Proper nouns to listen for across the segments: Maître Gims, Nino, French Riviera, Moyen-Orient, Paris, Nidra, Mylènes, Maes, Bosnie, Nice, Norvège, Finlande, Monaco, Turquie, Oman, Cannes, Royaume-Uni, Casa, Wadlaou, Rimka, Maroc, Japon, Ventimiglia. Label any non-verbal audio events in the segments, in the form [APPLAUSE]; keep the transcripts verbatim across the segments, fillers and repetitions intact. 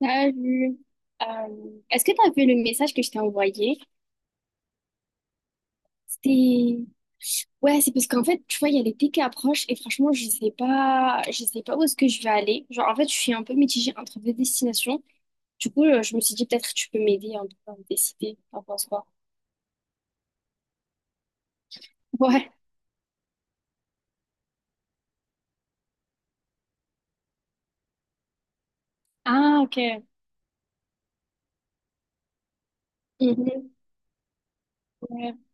Salut. Euh, est-ce que tu as vu le message que je t'ai envoyé? C'était... Ouais, c'est parce qu'en fait, tu vois, il y a l'été qui approche et franchement, je sais pas, je sais pas où est-ce que je vais aller. Genre, en fait, je suis un peu mitigée entre deux destinations. Du coup, euh, je me suis dit, peut-être que tu peux m'aider un peu à me décider. T'en penses quoi? Ouais. Ah, ok. Mhm, ouais.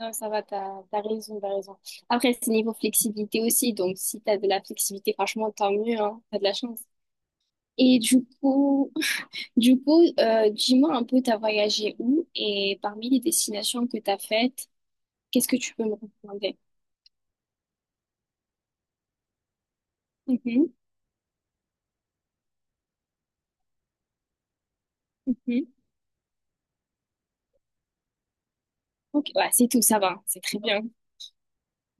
Non, ça va, t'as, t'as raison, t'as raison. Après, c'est niveau flexibilité aussi, donc si t'as de la flexibilité, franchement, tant mieux, hein, t'as de la chance. Et du coup, du coup, euh, dis-moi un peu, t'as voyagé où et parmi les destinations que t'as faites, qu'est-ce que tu peux me recommander? Mhm, mhm. Ok, ouais, c'est tout, ça va, c'est très bien.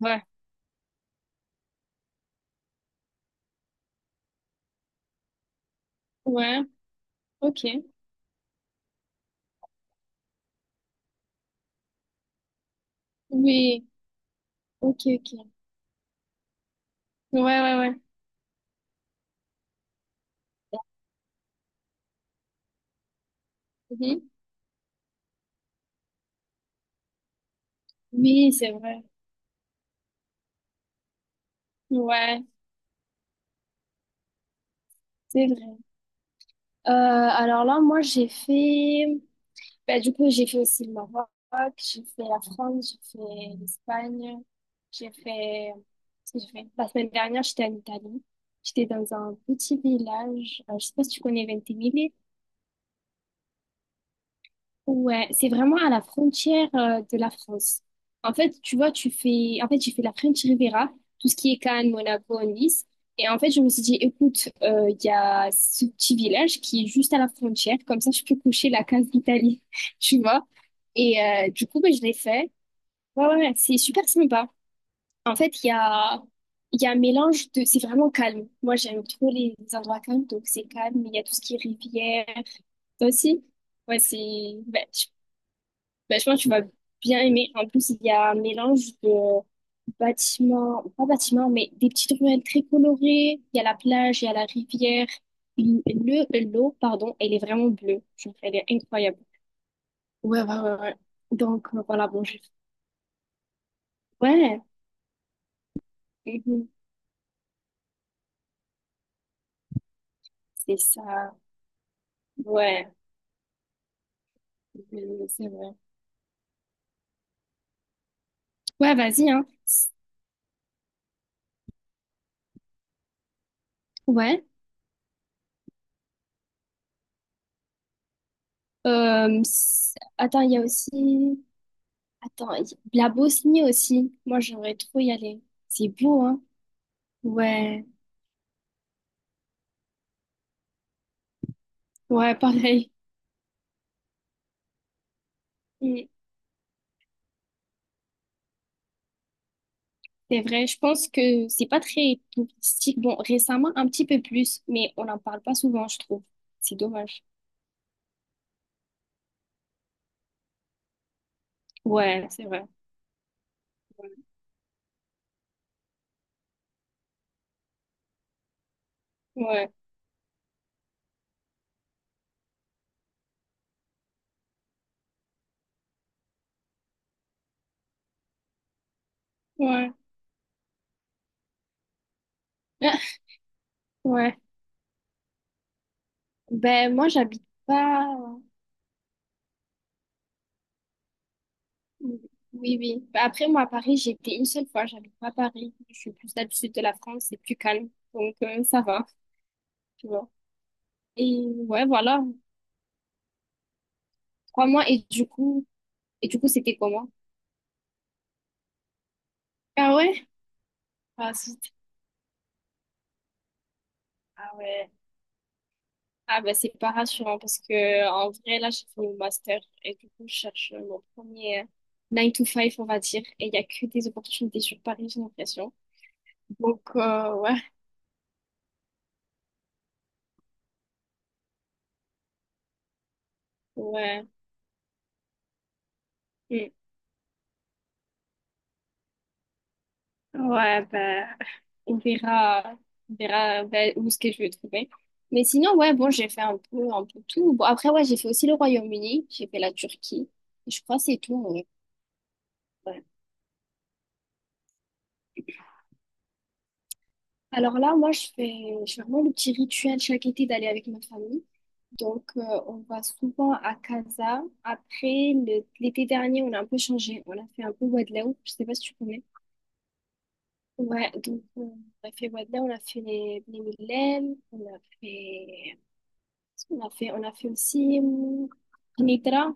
Ouais, ouais, ok. Oui, ok, ok. Ouais, ouais, ouais. Mhm. Oui, c'est vrai. Ouais, c'est vrai. Euh, alors là, moi, j'ai fait. Bah, du coup, j'ai fait aussi le Maroc, j'ai fait la France, j'ai fait l'Espagne, j'ai fait... Qu'est-ce que j'ai fait? La semaine dernière, j'étais en Italie. J'étais dans un petit village, euh, je sais pas si tu connais Ventimiglia. Ouais, c'est vraiment à la frontière euh, de la France. En fait, tu vois, tu fais, en fait, j'ai fait la French Riviera, tout ce qui est Cannes, Monaco, Nice. Et en fait, je me suis dit, écoute, euh, il y a ce petit village qui est juste à la frontière, comme ça, je peux coucher la case d'Italie, [LAUGHS] tu vois. Et euh, du coup, ben, je l'ai fait. Ouais, ouais, ouais, c'est super sympa. En fait, il y a, il y a un mélange de, c'est vraiment calme. Moi, j'aime trop les, les endroits calmes, donc c'est calme. Il y a tout ce qui est rivière. Toi aussi? Ouais, c'est, ben, bah, je pense que tu vas bien aimer. En plus, il y a un mélange de bâtiments, pas bâtiments, mais des petites ruelles très colorées. Il y a la plage, il y a la rivière. L- Le, l'eau, pardon, elle est vraiment bleue. Genre, elle est incroyable. Ouais, ouais, ouais, ouais. Donc, euh, voilà, bon, je... Ouais, mhm, c'est ça. Ouais, mhm, c'est vrai. Ouais, vas-y, hein. Ouais. Euh, c- attends, il y a aussi... Attends, il y- la Bosnie aussi. Moi, j'aimerais trop y aller. C'est beau, hein? Ouais. Ouais, pareil. Mm. C'est vrai, je pense que c'est pas très touristique. Bon, récemment, un petit peu plus, mais on n'en parle pas souvent, je trouve. C'est dommage. Ouais, c'est vrai. Ouais, ouais, [LAUGHS] ouais. Ben, moi, j'habite pas. Oui, oui. Ben, après, moi, à Paris, j'ai été une seule fois. J'habite pas à Paris. Je suis plus là du sud de la France, c'est plus calme. Donc, euh, ça va, tu vois. Et ouais, voilà. Trois mois, et du coup, et du coup, c'était comment? Ah ouais? Ah, zut. Ah ouais. Ah bah c'est pas rassurant parce que en vrai là j'ai fini mon master et du coup je cherche mon premier euh, nine to five on va dire et il y a que des opportunités sur Paris j'ai l'impression. Donc euh, ouais ouais mm. Ouais bah on verra on verra bah, où ce que je vais trouver. Mais sinon ouais bon j'ai fait un peu un peu tout. Bon après ouais j'ai fait aussi le Royaume-Uni, j'ai fait la Turquie. Je crois que c'est tout. Ouais. Alors là, moi, je fais, je fais vraiment le petit rituel chaque été d'aller avec ma famille. Donc, euh, on va souvent à Casa. Après, le- l'été dernier, on a un peu changé. On a fait un peu Wadlaou. Je sais pas si tu connais. Ouais, donc euh, on a fait Wadlaou, on a fait les, les Mylènes, on a fait, on a fait, on a fait aussi hum, Nidra.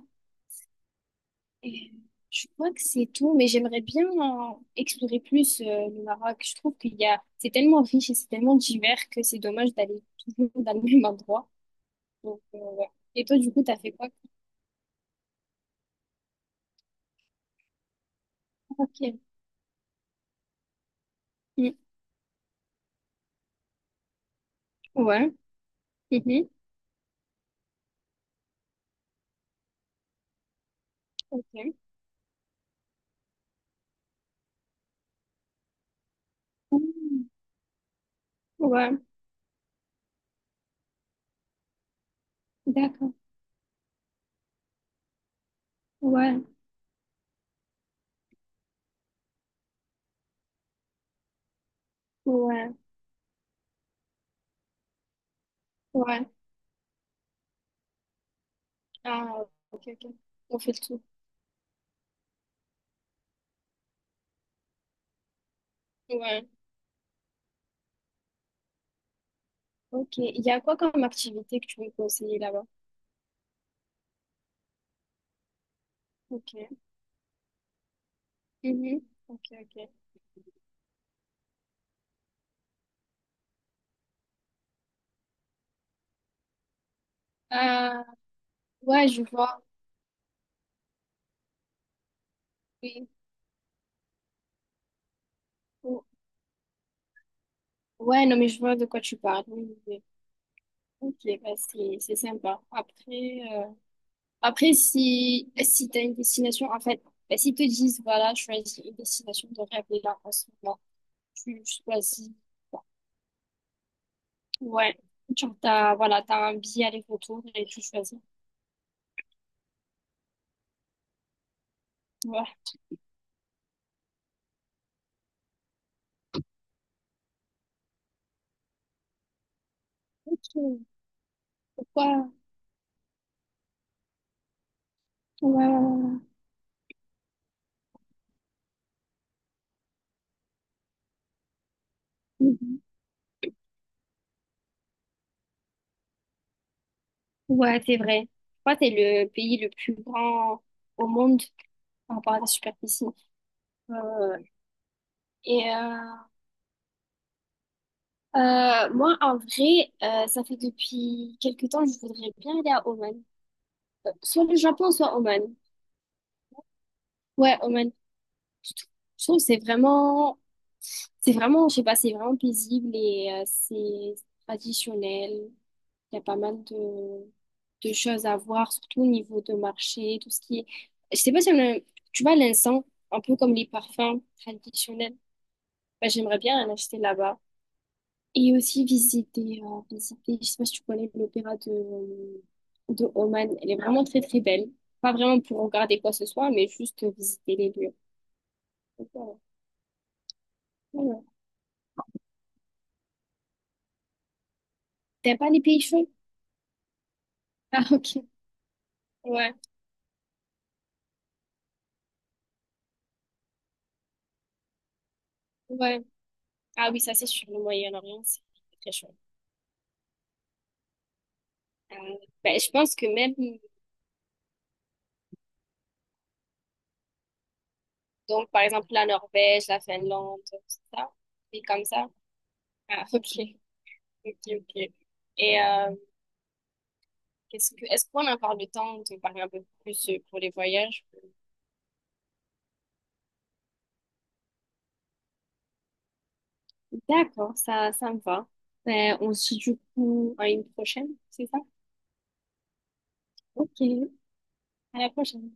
Et je crois que c'est tout, mais j'aimerais bien euh, explorer plus euh, le Maroc. Je trouve qu'il y a, c'est tellement riche et c'est tellement divers que c'est dommage d'aller toujours dans le même endroit. Donc, euh, ouais. Et toi, du coup, t'as fait quoi? Ok. Mm. Ouais. Mhm. Ok. Mm. Ouais. D'accord. Ouais. Ouais. Ouais. Ah, ok, ok. On fait le tout. Ouais. Ok. Il y a quoi comme activité que tu veux me conseiller là-bas? Ok. Mhm. Ok, ok. Euh, ouais, je vois. Oui. Ouais, non, mais je vois de quoi tu parles. Oui, oui, oui. Ok, bah c'est c'est sympa. Après, euh, après si, si tu as une destination, en fait, bah, s'ils te disent, voilà, choisis une destination de rêve et là, en ce moment, tu choisis. Ouais, genre, t'as, voilà, t'as un billet aller-retour et tu choisis. Ouais, ok. Pourquoi? Ouais, ouais, ouais. Ouais. Mhm. Ouais, c'est vrai. Je crois que c'est le pays le plus grand au monde par rapport à la superficie. Euh, et Euh, moi, en vrai, euh, ça fait depuis quelque temps, je voudrais bien aller à Oman. Euh, Soit le Japon, soit Oman. Ouais, Oman. Je trou- je trouve que c'est vraiment, c'est vraiment, je sais pas, c'est vraiment paisible et euh, c'est traditionnel. Il y a pas mal de, de choses à voir, surtout au niveau de marché, tout ce qui est. Je sais pas si on a, tu vois, l'encens, un peu comme les parfums traditionnels. Bah, j'aimerais bien en acheter là-bas. Et aussi visiter, euh, visiter, je sais pas si tu connais l'opéra de, euh, de Oman. Elle est vraiment très très belle. Pas vraiment pour regarder quoi que ce soit, mais juste visiter les lieux. Donc, voilà. Voilà. T'aimes pas les pays chauds? Ah ok. Ouais, ouais. Ah oui, ça c'est sur le Moyen-Orient, c'est très chaud. Euh, ben, je pense que même, donc par exemple la Norvège, la Finlande, tout ça, et comme ça. Ah [LAUGHS] ok, ok, ok. Et euh, qu'est-ce que, est-ce qu'on a encore le temps de parler un peu plus euh, pour les voyages? D'accord, ça, ça me va. Ben, on se dit du coup à une prochaine, c'est ça? Ok, à la prochaine.